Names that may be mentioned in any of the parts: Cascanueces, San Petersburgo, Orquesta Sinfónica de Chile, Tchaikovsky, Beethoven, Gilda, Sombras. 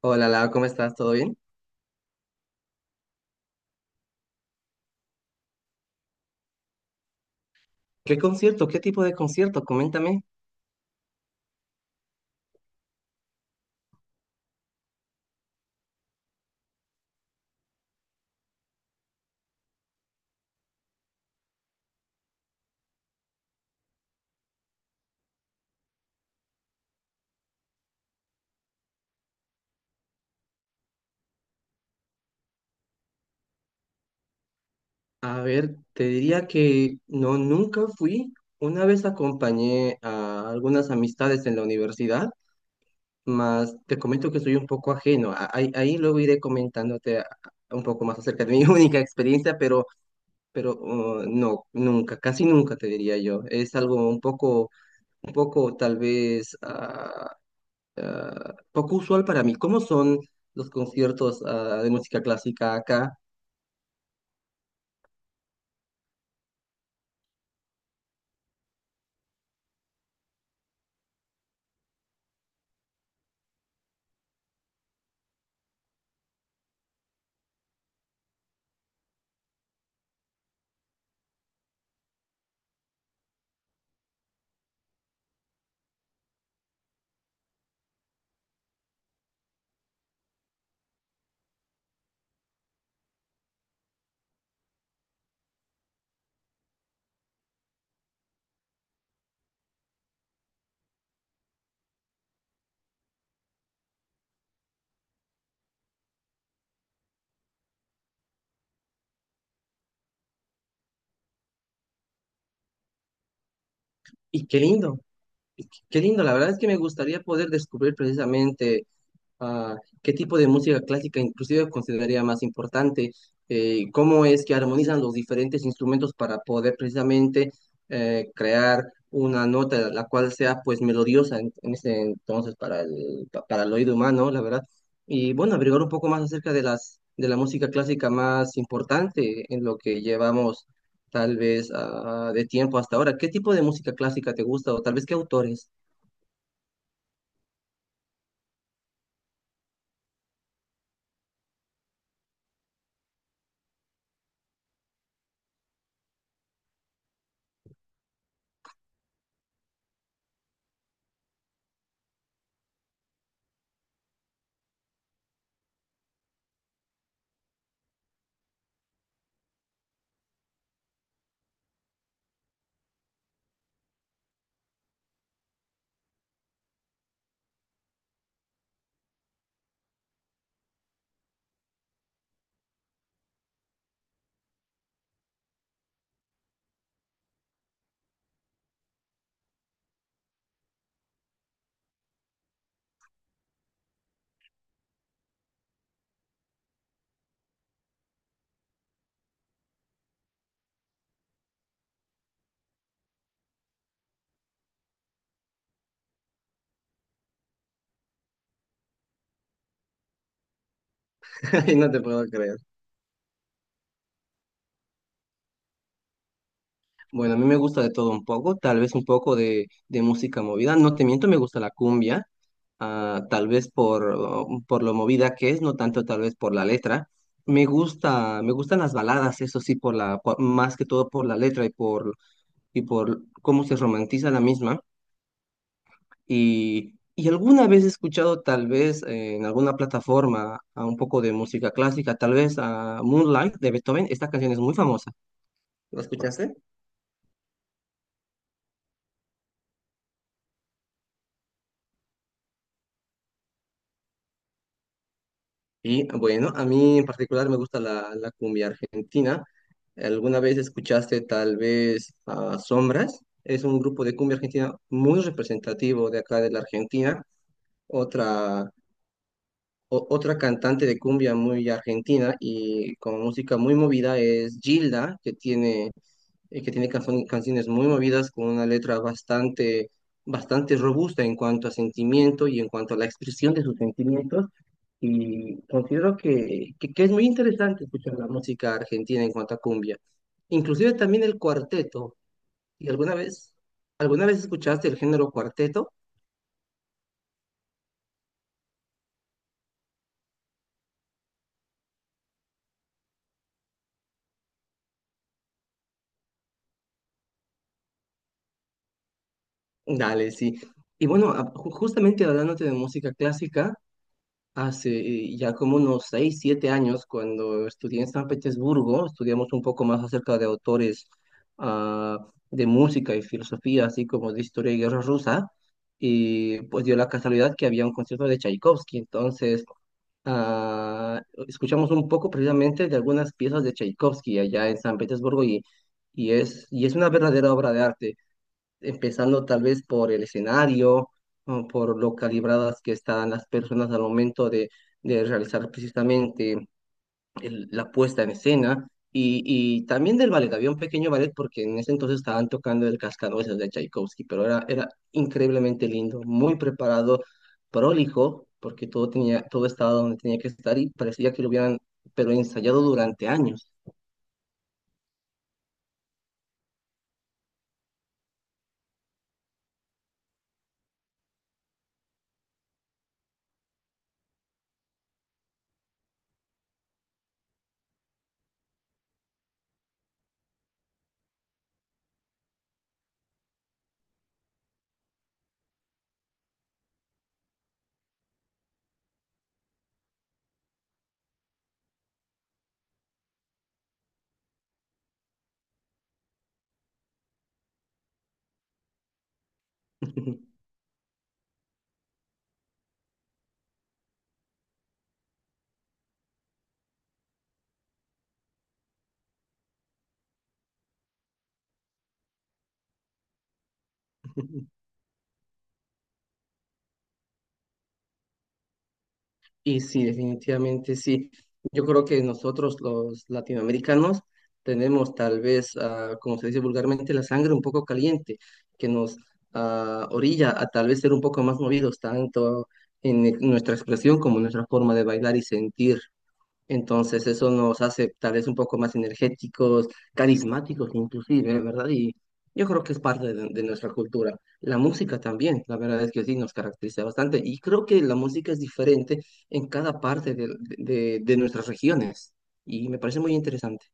Hola, Lau, ¿cómo estás? ¿Todo bien? ¿Qué concierto? ¿Qué tipo de concierto? Coméntame. A ver, te diría que no, nunca fui. Una vez acompañé a algunas amistades en la universidad, mas te comento que soy un poco ajeno. Ahí, luego iré comentándote un poco más acerca de mi única experiencia, pero pero no, nunca, casi nunca te diría yo. Es algo un poco tal vez poco usual para mí. ¿Cómo son los conciertos de música clásica acá? Y qué lindo, qué lindo. La verdad es que me gustaría poder descubrir precisamente Ah, ¿Qué tipo de música clásica inclusive consideraría más importante? ¿Cómo es que armonizan los diferentes instrumentos para poder precisamente crear una nota la cual sea pues melodiosa en ese entonces para para el oído humano, la verdad? Y bueno, averiguar un poco más acerca de las de la música clásica más importante en lo que llevamos tal vez de tiempo hasta ahora. ¿Qué tipo de música clásica te gusta o tal vez qué autores? No te puedo creer. Bueno, a mí me gusta de todo un poco, tal vez un poco de música movida. No te miento, me gusta la cumbia, tal vez por lo movida que es, no tanto tal vez por la letra. Me gustan las baladas, eso sí, por más que todo por la letra y por cómo se romantiza la misma. Y alguna vez he escuchado tal vez en alguna plataforma a un poco de música clásica, tal vez a Moonlight de Beethoven. Esta canción es muy famosa. ¿La escuchaste? Y bueno, a mí en particular me gusta la cumbia argentina. ¿Alguna vez escuchaste tal vez a Sombras? Es un grupo de cumbia argentina muy representativo de acá de la Argentina. Otra, Otra cantante de cumbia muy argentina y con música muy movida es Gilda, que tiene canciones muy movidas con una letra bastante robusta en cuanto a sentimiento y en cuanto a la expresión de sus sentimientos. Y considero que es muy interesante escuchar la música argentina en cuanto a cumbia. Inclusive también el cuarteto. ¿Y alguna alguna vez escuchaste el género cuarteto? Dale, sí. Y bueno, justamente hablándote de música clásica, hace ya como unos 6, 7 años, cuando estudié en San Petersburgo, estudiamos un poco más acerca de autores ah, de música y filosofía, así como de historia y guerra rusa, y pues dio la casualidad que había un concierto de Tchaikovsky, entonces ah, escuchamos un poco precisamente de algunas piezas de Tchaikovsky allá en San Petersburgo y es una verdadera obra de arte empezando tal vez por el escenario, o por lo calibradas que están las personas al momento de realizar precisamente la puesta en escena. Y también del ballet, había un pequeño ballet porque en ese entonces estaban tocando el Cascanueces de Tchaikovsky, era increíblemente lindo, muy preparado, prolijo, porque todo tenía, todo estaba donde tenía que estar y parecía que lo pero ensayado durante años. Y sí, definitivamente sí. Yo creo que nosotros los latinoamericanos tenemos tal vez, como se dice vulgarmente, la sangre un poco caliente, que nos orilla a tal vez ser un poco más movidos, tanto en nuestra expresión como en nuestra forma de bailar y sentir. Entonces eso nos hace tal vez un poco más energéticos, carismáticos inclusive, ¿verdad? Y yo creo que es parte de nuestra cultura. La música también, la verdad es que sí, nos caracteriza bastante. Y creo que la música es diferente en cada parte de nuestras regiones. Y me parece muy interesante.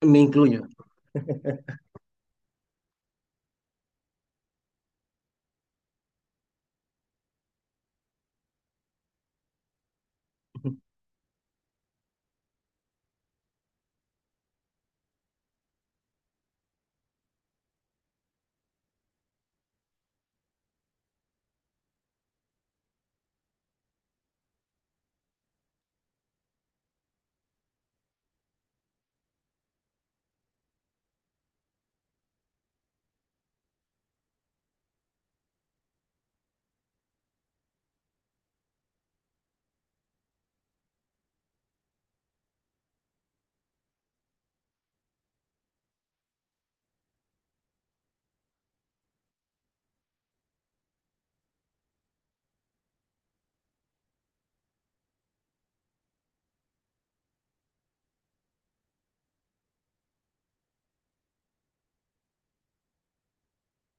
Me incluyo.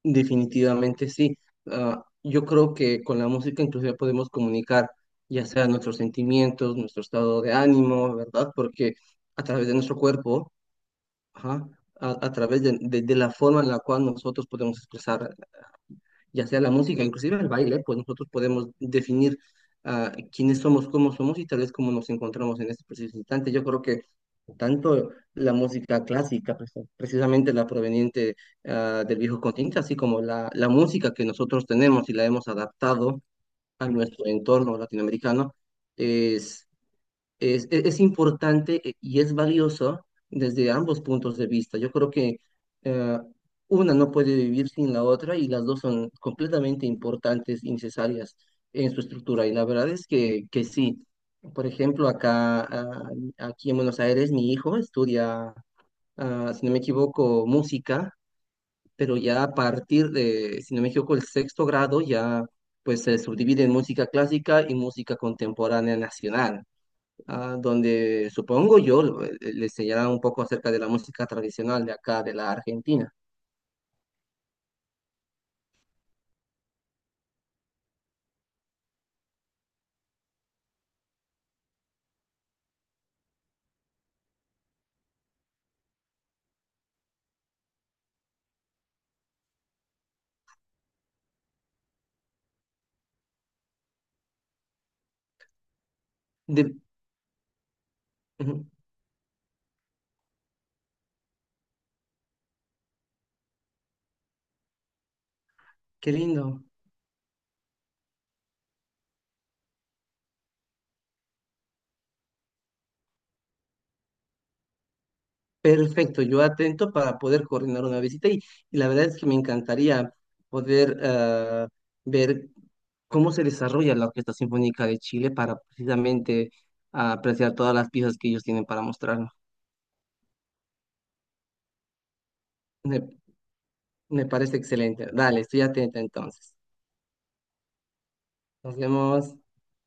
Definitivamente sí. Ah, yo creo que con la música inclusive podemos comunicar ya sea nuestros sentimientos, nuestro estado de ánimo, ¿verdad? Porque a través de nuestro cuerpo, ajá, a través de la forma en la cual nosotros podemos expresar, ya sea la música, inclusive el baile, pues nosotros podemos definir quiénes somos, cómo somos y tal vez cómo nos encontramos en este preciso instante. Yo creo que tanto la música clásica, pues, precisamente la proveniente del viejo continente, así como la música que nosotros tenemos y la hemos adaptado a nuestro entorno latinoamericano, es importante y es valioso desde ambos puntos de vista. Yo creo que eh, una no puede vivir sin la otra y las dos son completamente importantes y necesarias en su estructura. Y la verdad es que sí. Por ejemplo, acá, aquí en Buenos Aires, mi hijo estudia, ah, si no me equivoco, música, pero ya a partir de, si no me equivoco, el sexto grado ya pues se subdivide en música clásica y música contemporánea nacional donde supongo yo le enseñarán un poco acerca de la música tradicional de acá, de la Argentina. De- Ujú, Qué lindo. Perfecto, yo atento para poder coordinar una visita y la verdad es que me encantaría poder ver cómo se desarrolla la Orquesta Sinfónica de Chile para precisamente apreciar todas las piezas que ellos tienen para mostrarnos. Me, me parece excelente. Dale, estoy atenta entonces. Nos vemos.